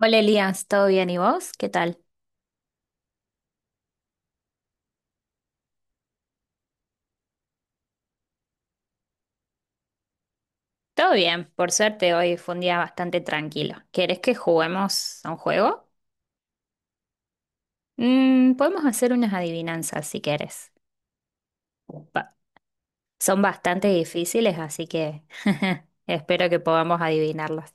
Hola Elías, ¿todo bien? ¿Y vos? ¿Qué tal? Todo bien, por suerte hoy fue un día bastante tranquilo. ¿Querés que juguemos a un juego? Podemos hacer unas adivinanzas si querés. Ba- son bastante difíciles, así que espero que podamos adivinarlas.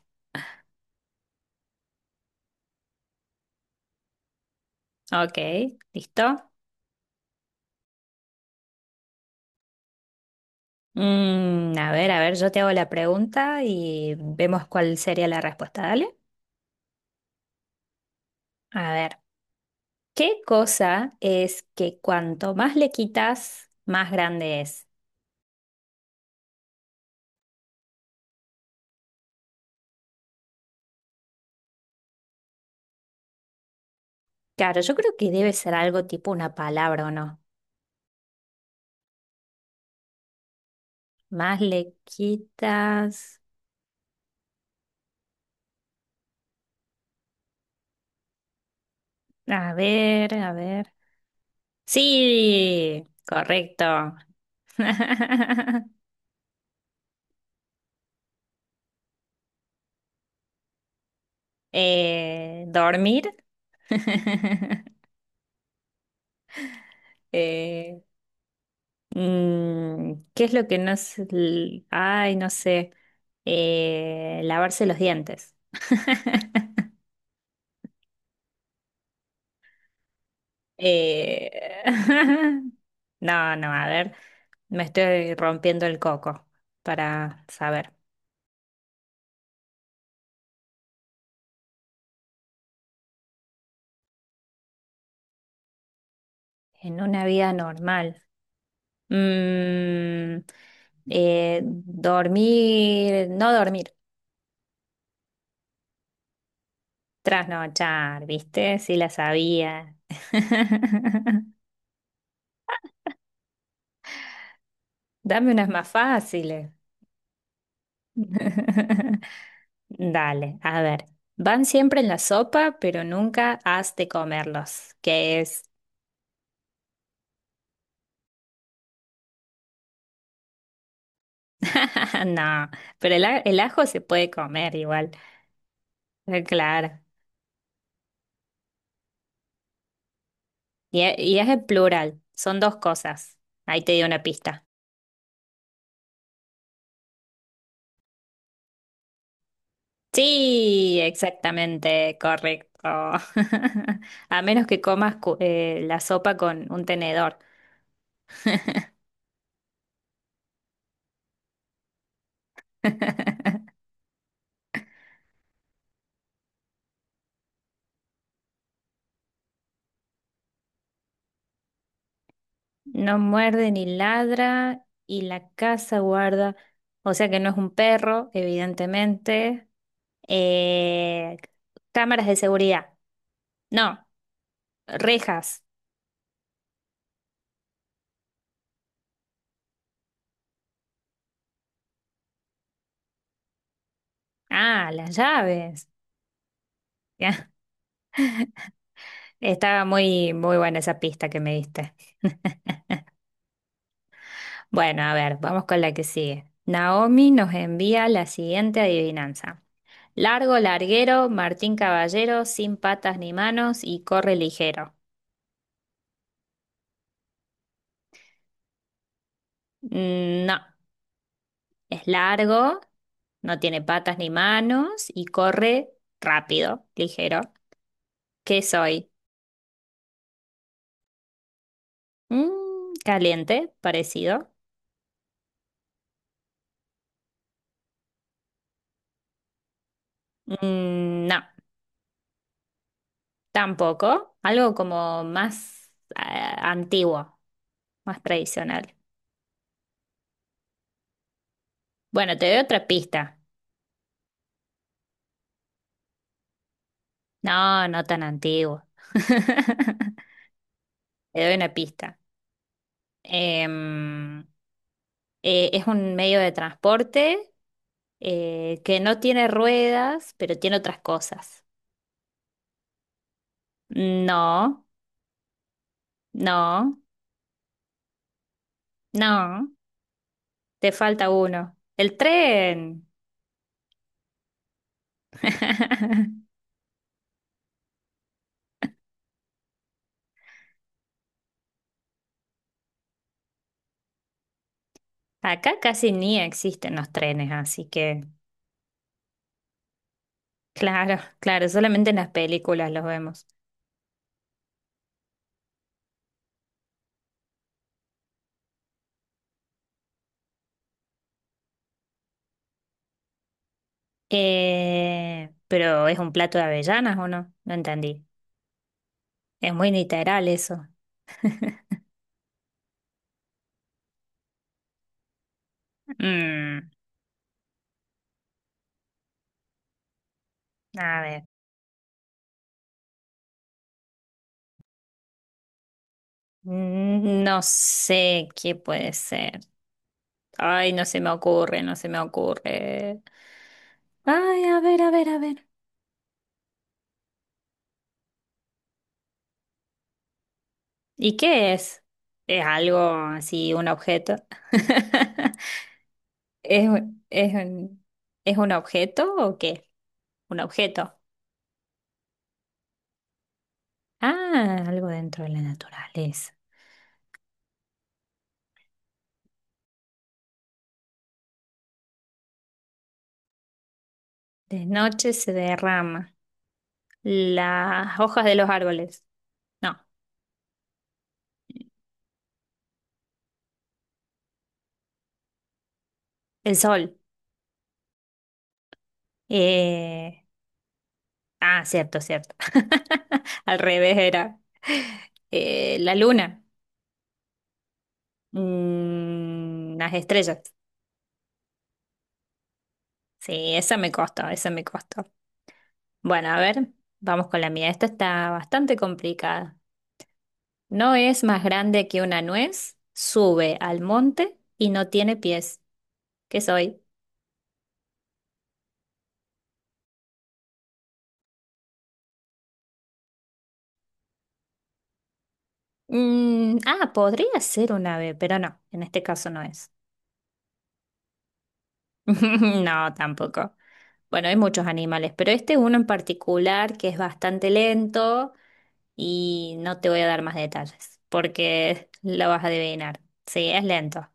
Ok, ¿listo? A ver, yo te hago la pregunta y vemos cuál sería la respuesta, dale. A ver, ¿qué cosa es que cuanto más le quitas, más grande es? Claro, yo creo que debe ser algo tipo una palabra o no. Más le quitas. A ver, a ver. Sí, correcto. Dormir. Eh, ¿qué es lo que no es? Ay, no sé. Lavarse los dientes. Eh, No, no, a ver. Me estoy rompiendo el coco para saber. En una vida normal. Mm, dormir, no dormir, trasnochar, ¿viste? Sí la sabía. Dame unas más fáciles. Dale, a ver. Van siempre en la sopa, pero nunca has de comerlos. ¿Qué es? Ah, no, pero el ajo se puede comer igual. Claro. Y, y es en plural. Son dos cosas. Ahí te di una pista. Sí, exactamente, correcto. A menos que comas la sopa con un tenedor. No muerde ni ladra y la casa guarda. O sea que no es un perro, evidentemente. Eh, cámaras de seguridad. No, rejas. Ah, las llaves. Estaba muy, muy buena esa pista que me diste. Bueno, a ver, vamos con la que sigue. Naomi nos envía la siguiente adivinanza. Largo, larguero, Martín Caballero, sin patas ni manos y corre ligero. Mm, no, es largo, no tiene patas ni manos y corre rápido, ligero. ¿Qué soy? Mm, caliente, parecido. Mm, no, tampoco. Algo como más eh, antiguo, más tradicional. Bueno, te doy otra pista. No, no tan antiguo. Te doy una pista. Em, es un medio de transporte que no tiene ruedas, pero tiene otras cosas. No, no, no. Te falta uno. El tren. Acá casi ni existen los trenes, así que, claro, claro, solamente en las películas los vemos. Pero es un plato de avellanas, ¿o no? No entendí. Es muy literal eso. Mm, a ver, mm, no sé qué puede ser. Ay, no se me ocurre, no se me ocurre. Ay, a ver, a ver, a ver. ¿Y qué es? ¿Es algo así, un objeto? ¿Es, un- es un, ¿es un objeto o qué? Un objeto. Ah, algo dentro de la naturaleza. De noche se derrama las hojas de los árboles. No, el sol. Eh, Ah, cierto, cierto. Al revés era la luna, mm, las estrellas. Sí, esa me costó, esa me costó. Bueno, a ver, vamos con la mía. Esta está bastante complicada. No es más grande que una nuez, sube al monte y no tiene pies. ¿Qué soy? Mm, ah, podría ser un ave, pero no, en este caso no es. No, tampoco. Bueno, hay muchos animales, pero este uno en particular que es bastante lento y no te voy a dar más detalles porque lo vas a adivinar. Sí, es lento.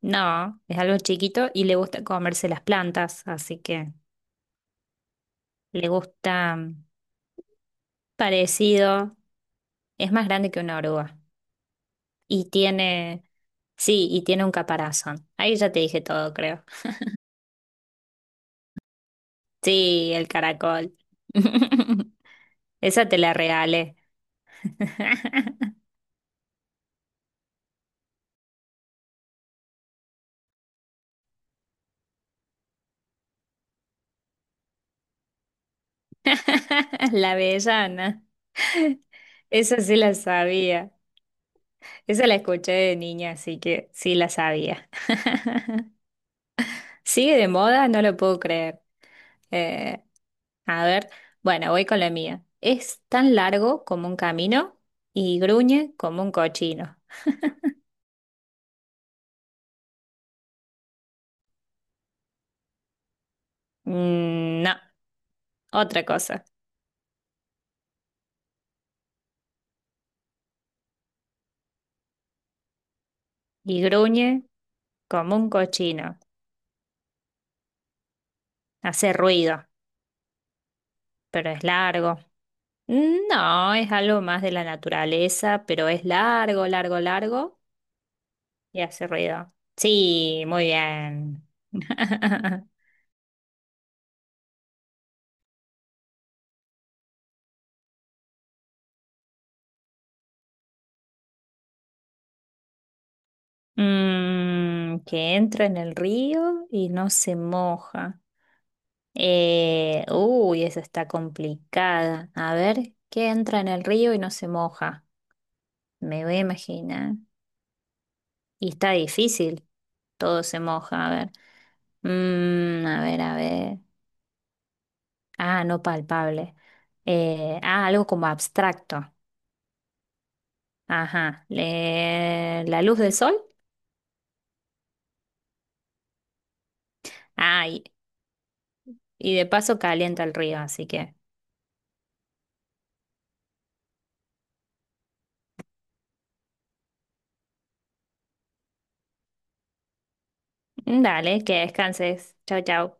No, es algo chiquito y le gusta comerse las plantas, así que le gusta mm, parecido. Es más grande que una oruga y tiene, sí, y tiene un caparazón. Ahí ya te dije todo, creo. Sí, el caracol. Esa te la regalé. La avellana. Esa sí la sabía. Esa la escuché de niña, así que sí la sabía. ¿Sigue de moda? No lo puedo creer. Eh, a ver, bueno, voy con la mía. Es tan largo como un camino y gruñe como un cochino. Mm, no, otra cosa. Y gruñe como un cochino. Hace ruido, pero es largo. Mm, no, es algo más de la naturaleza, pero es largo, largo, largo y hace ruido. Sí, muy bien. Mm, que entra en el río y no se moja. Uy, esa está complicada. A ver, ¿qué entra en el río y no se moja? Me voy a imaginar. Y está difícil. Todo se moja. A ver. Mm, a ver, a ver. Ah, no palpable. Ah, algo como abstracto. Ajá. La luz del sol. Ah, y de paso calienta el río, así que. Mm, dale, que descanses. Chau, chau.